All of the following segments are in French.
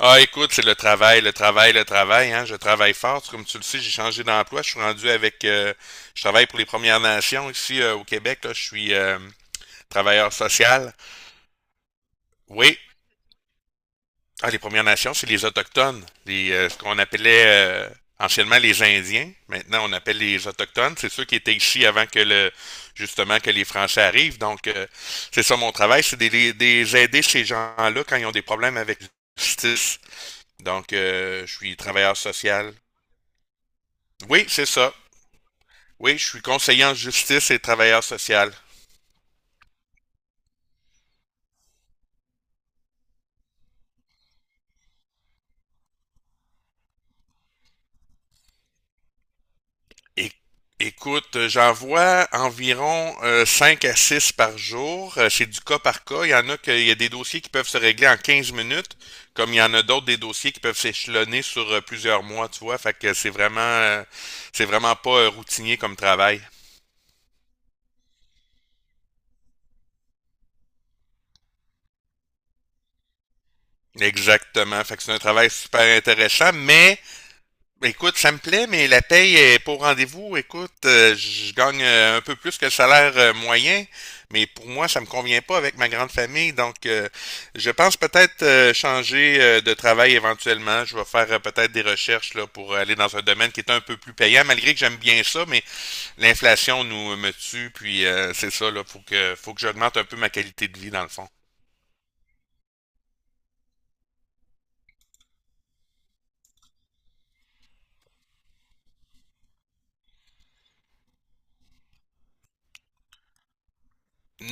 Ah, écoute, c'est le travail, le travail, le travail. Hein. Je travaille fort. Comme tu le sais, j'ai changé d'emploi. Je suis rendu avec je travaille pour les Premières Nations ici, au Québec. Là. Je suis travailleur social. Oui. Ah, les Premières Nations, c'est les Autochtones. Ce qu'on appelait anciennement les Indiens. Maintenant, on appelle les Autochtones. C'est ceux qui étaient ici avant que le justement que les Français arrivent. Donc, c'est ça mon travail, c'est des aider ces gens-là quand ils ont des problèmes avec la justice. Donc, je suis travailleur social. Oui, c'est ça. Oui, je suis conseiller en justice et travailleur social. É- Écoute, j'en vois environ 5 à 6 par jour. C'est du cas par cas. Il y a des dossiers qui peuvent se régler en 15 minutes, comme il y en a d'autres des dossiers qui peuvent s'échelonner sur plusieurs mois, tu vois. Fait que c'est vraiment pas routinier comme travail. Exactement. Fait que c'est un travail super intéressant, mais ben, écoute, ça me plaît, mais la paye est pour rendez-vous. Écoute, je gagne un peu plus que le salaire moyen, mais pour moi, ça me convient pas avec ma grande famille. Donc, je pense peut-être changer de travail éventuellement. Je vais faire peut-être des recherches là, pour aller dans un domaine qui est un peu plus payant, malgré que j'aime bien ça, mais l'inflation nous me tue. Puis c'est ça, là, faut que j'augmente un peu ma qualité de vie dans le fond.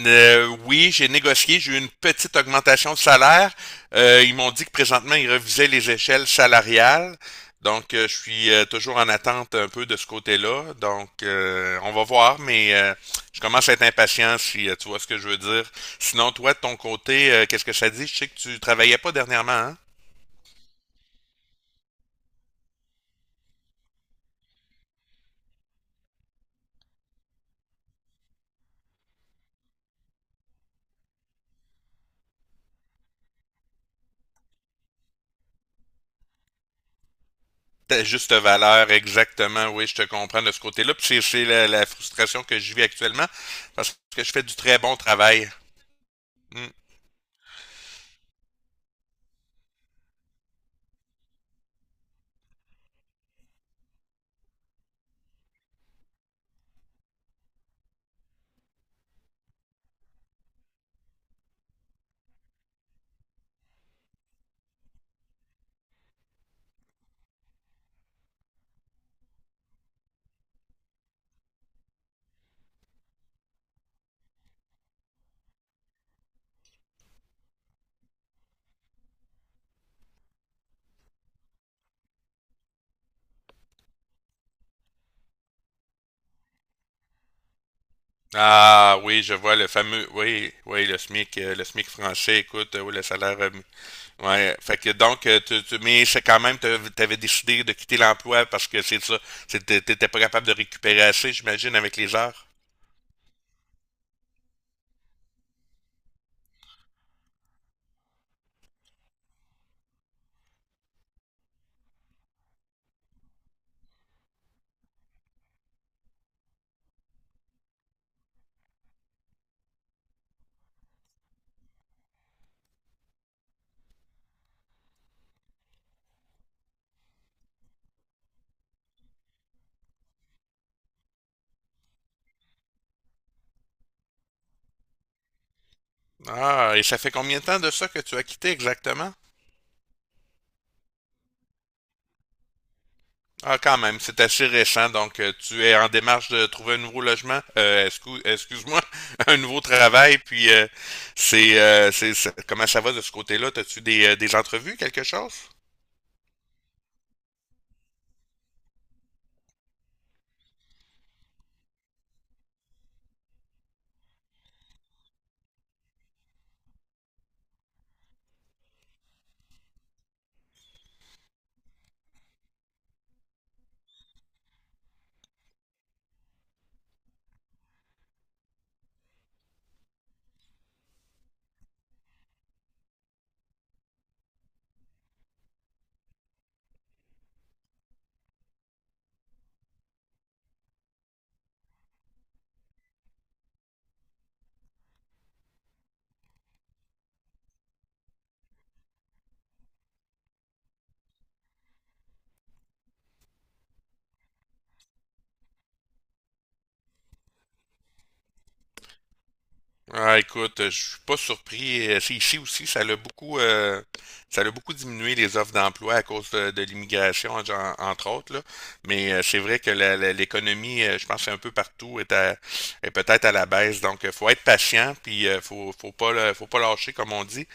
Oui, j'ai négocié, j'ai eu une petite augmentation de salaire. Ils m'ont dit que présentement, ils revisaient les échelles salariales. Donc, je suis toujours en attente un peu de ce côté-là. Donc, on va voir, mais je commence à être impatient, si tu vois ce que je veux dire. Sinon, toi, de ton côté, qu'est-ce que ça dit? Je sais que tu travaillais pas dernièrement, hein? Ta juste valeur, exactement, oui, je te comprends de ce côté-là. Puis c'est la frustration que je vis actuellement parce que je fais du très bon travail. Hmm. Ah oui, je vois le fameux, oui, oui, le SMIC français, écoute, oui, le salaire, ouais, fait que donc, mais c'est quand même, t'avais décidé de quitter l'emploi parce que c'est ça, t'étais pas capable de récupérer assez, j'imagine, avec les heures. Ah, et ça fait combien de temps de ça que tu as quitté exactement? Ah, quand même, c'est assez récent, donc tu es en démarche de trouver un nouveau logement, excuse-moi, un nouveau travail, puis comment ça va de ce côté-là? T'as-tu des entrevues, quelque chose? Ah, écoute, je suis pas surpris. C'est ici aussi, ça l'a beaucoup diminué les offres d'emploi à cause de l'immigration, entre autres, là. Mais c'est vrai que l'économie, je pense, que c'est un peu partout est peut-être à la baisse. Donc, faut être patient, puis faut pas, faut pas lâcher, comme on dit.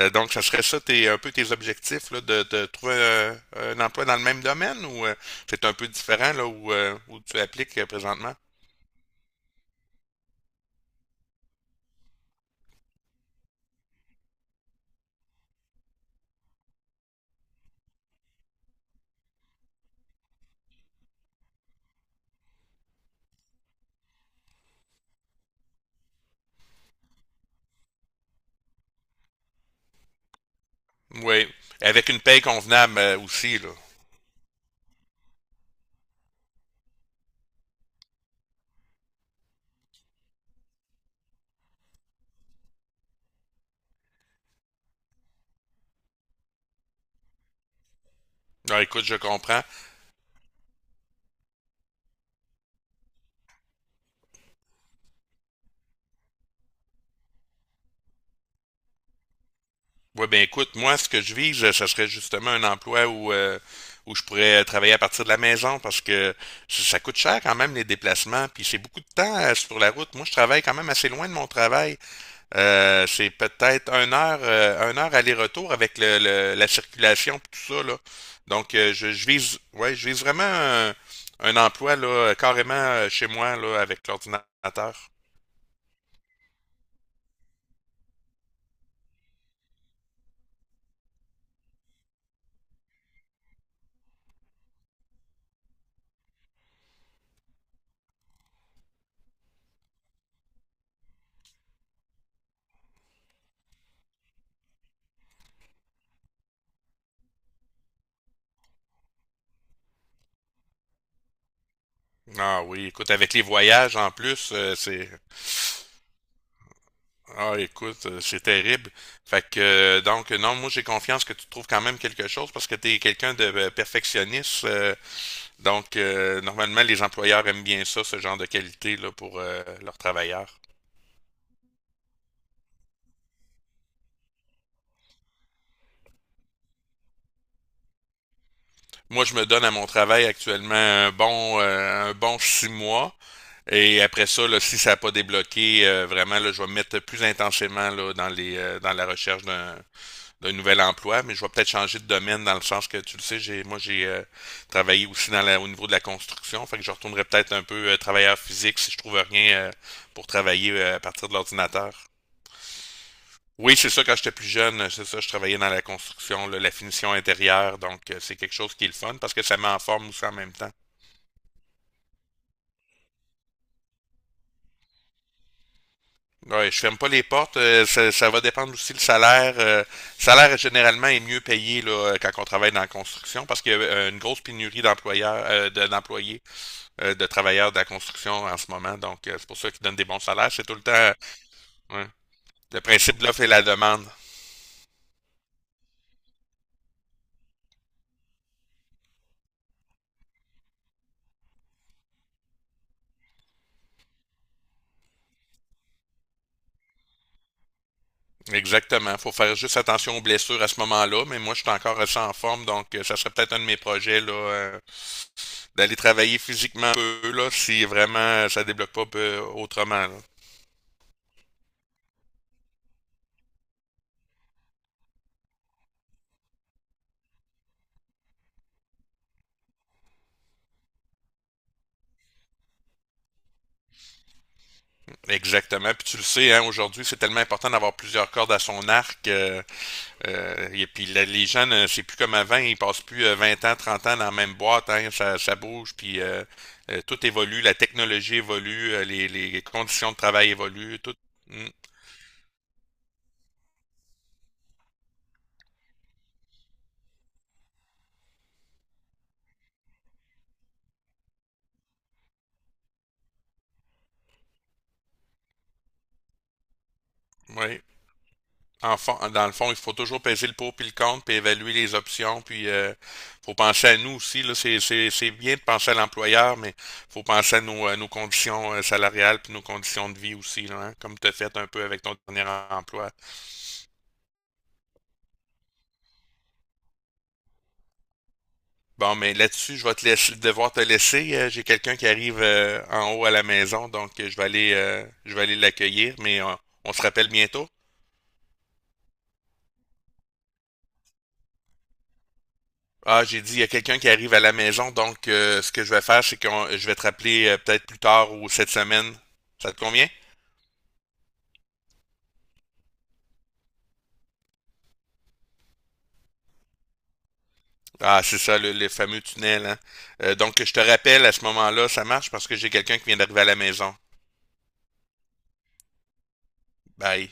Donc, ça serait ça, tes, un peu tes objectifs, là, de trouver un, emploi dans le même domaine, ou c'est un peu différent là où, où tu appliques présentement? Oui, avec une paye convenable aussi, là. Ah, écoute, je comprends. Ouais, ben écoute, moi, ce que je vise, ça serait justement un emploi où, où je pourrais travailler à partir de la maison parce que ça coûte cher quand même les déplacements, puis c'est beaucoup de temps sur la route. Moi, je travaille quand même assez loin de mon travail. C'est peut-être une heure, aller-retour avec la circulation puis tout ça, là. Donc, je vise, ouais, je vise vraiment un emploi là, carrément chez moi là, avec l'ordinateur. Ah oui, écoute, avec les voyages en plus, c'est... Ah, écoute, c'est terrible. Fait que, donc, non, moi, j'ai confiance que tu trouves quand même quelque chose parce que tu es quelqu'un de perfectionniste. Donc, normalement, les employeurs aiment bien ça, ce genre de qualité là, pour leurs travailleurs. Moi, je me donne à mon travail actuellement un bon, 6 mois. Et après ça, là, si ça n'a pas débloqué, vraiment, là, je vais me mettre plus intensément là, dans la recherche d'un nouvel emploi, mais je vais peut-être changer de domaine dans le sens que tu le sais, j'ai travaillé aussi dans la, au niveau de la construction, fait que je retournerai peut-être un peu travailleur physique si je trouve rien pour travailler à partir de l'ordinateur. Oui, c'est ça, quand j'étais plus jeune, c'est ça, je travaillais dans la construction, là, la finition intérieure, donc c'est quelque chose qui est le fun parce que ça met en forme aussi en même temps. Ouais, je ferme pas les portes. Ça va dépendre aussi le salaire. Le salaire généralement est mieux payé là, quand on travaille dans la construction parce qu'il y a une grosse pénurie d'employeurs, euh, d'employés de travailleurs de la construction en ce moment. Donc, c'est pour ça qu'ils donnent des bons salaires. C'est tout le temps ouais, le principe de l'offre et la demande. Exactement. Faut faire juste attention aux blessures à ce moment-là. Mais moi, je suis encore assez en forme. Donc, ça serait peut-être un de mes projets là, d'aller travailler physiquement un peu là, si vraiment ça débloque pas autrement, là. Exactement. Puis tu le sais, hein, aujourd'hui, c'est tellement important d'avoir plusieurs cordes à son arc. Et puis là, les gens, c'est plus comme avant, ils passent plus 20 ans, 30 ans dans la même boîte, hein, ça bouge, puis tout évolue, la technologie évolue, les conditions de travail évoluent, tout. Mm, oui. Dans le fond, il faut toujours peser le pour puis le contre, puis évaluer les options, puis faut penser à nous aussi, là, c'est bien de penser à l'employeur, mais faut penser à nos, nos conditions salariales puis nos conditions de vie aussi, là, hein, comme tu as fait un peu avec ton dernier emploi. Bon, mais là-dessus, je vais te laisser, devoir te laisser. J'ai quelqu'un qui arrive en haut à la maison, donc je vais aller l'accueillir, mais on se rappelle bientôt. Ah, j'ai dit, il y a quelqu'un qui arrive à la maison, donc ce que je vais faire, c'est que je vais te rappeler peut-être plus tard ou cette semaine. Ça te convient? Ah, c'est ça, le fameux tunnel, hein. Donc, je te rappelle à ce moment-là, ça marche parce que j'ai quelqu'un qui vient d'arriver à la maison. Bye.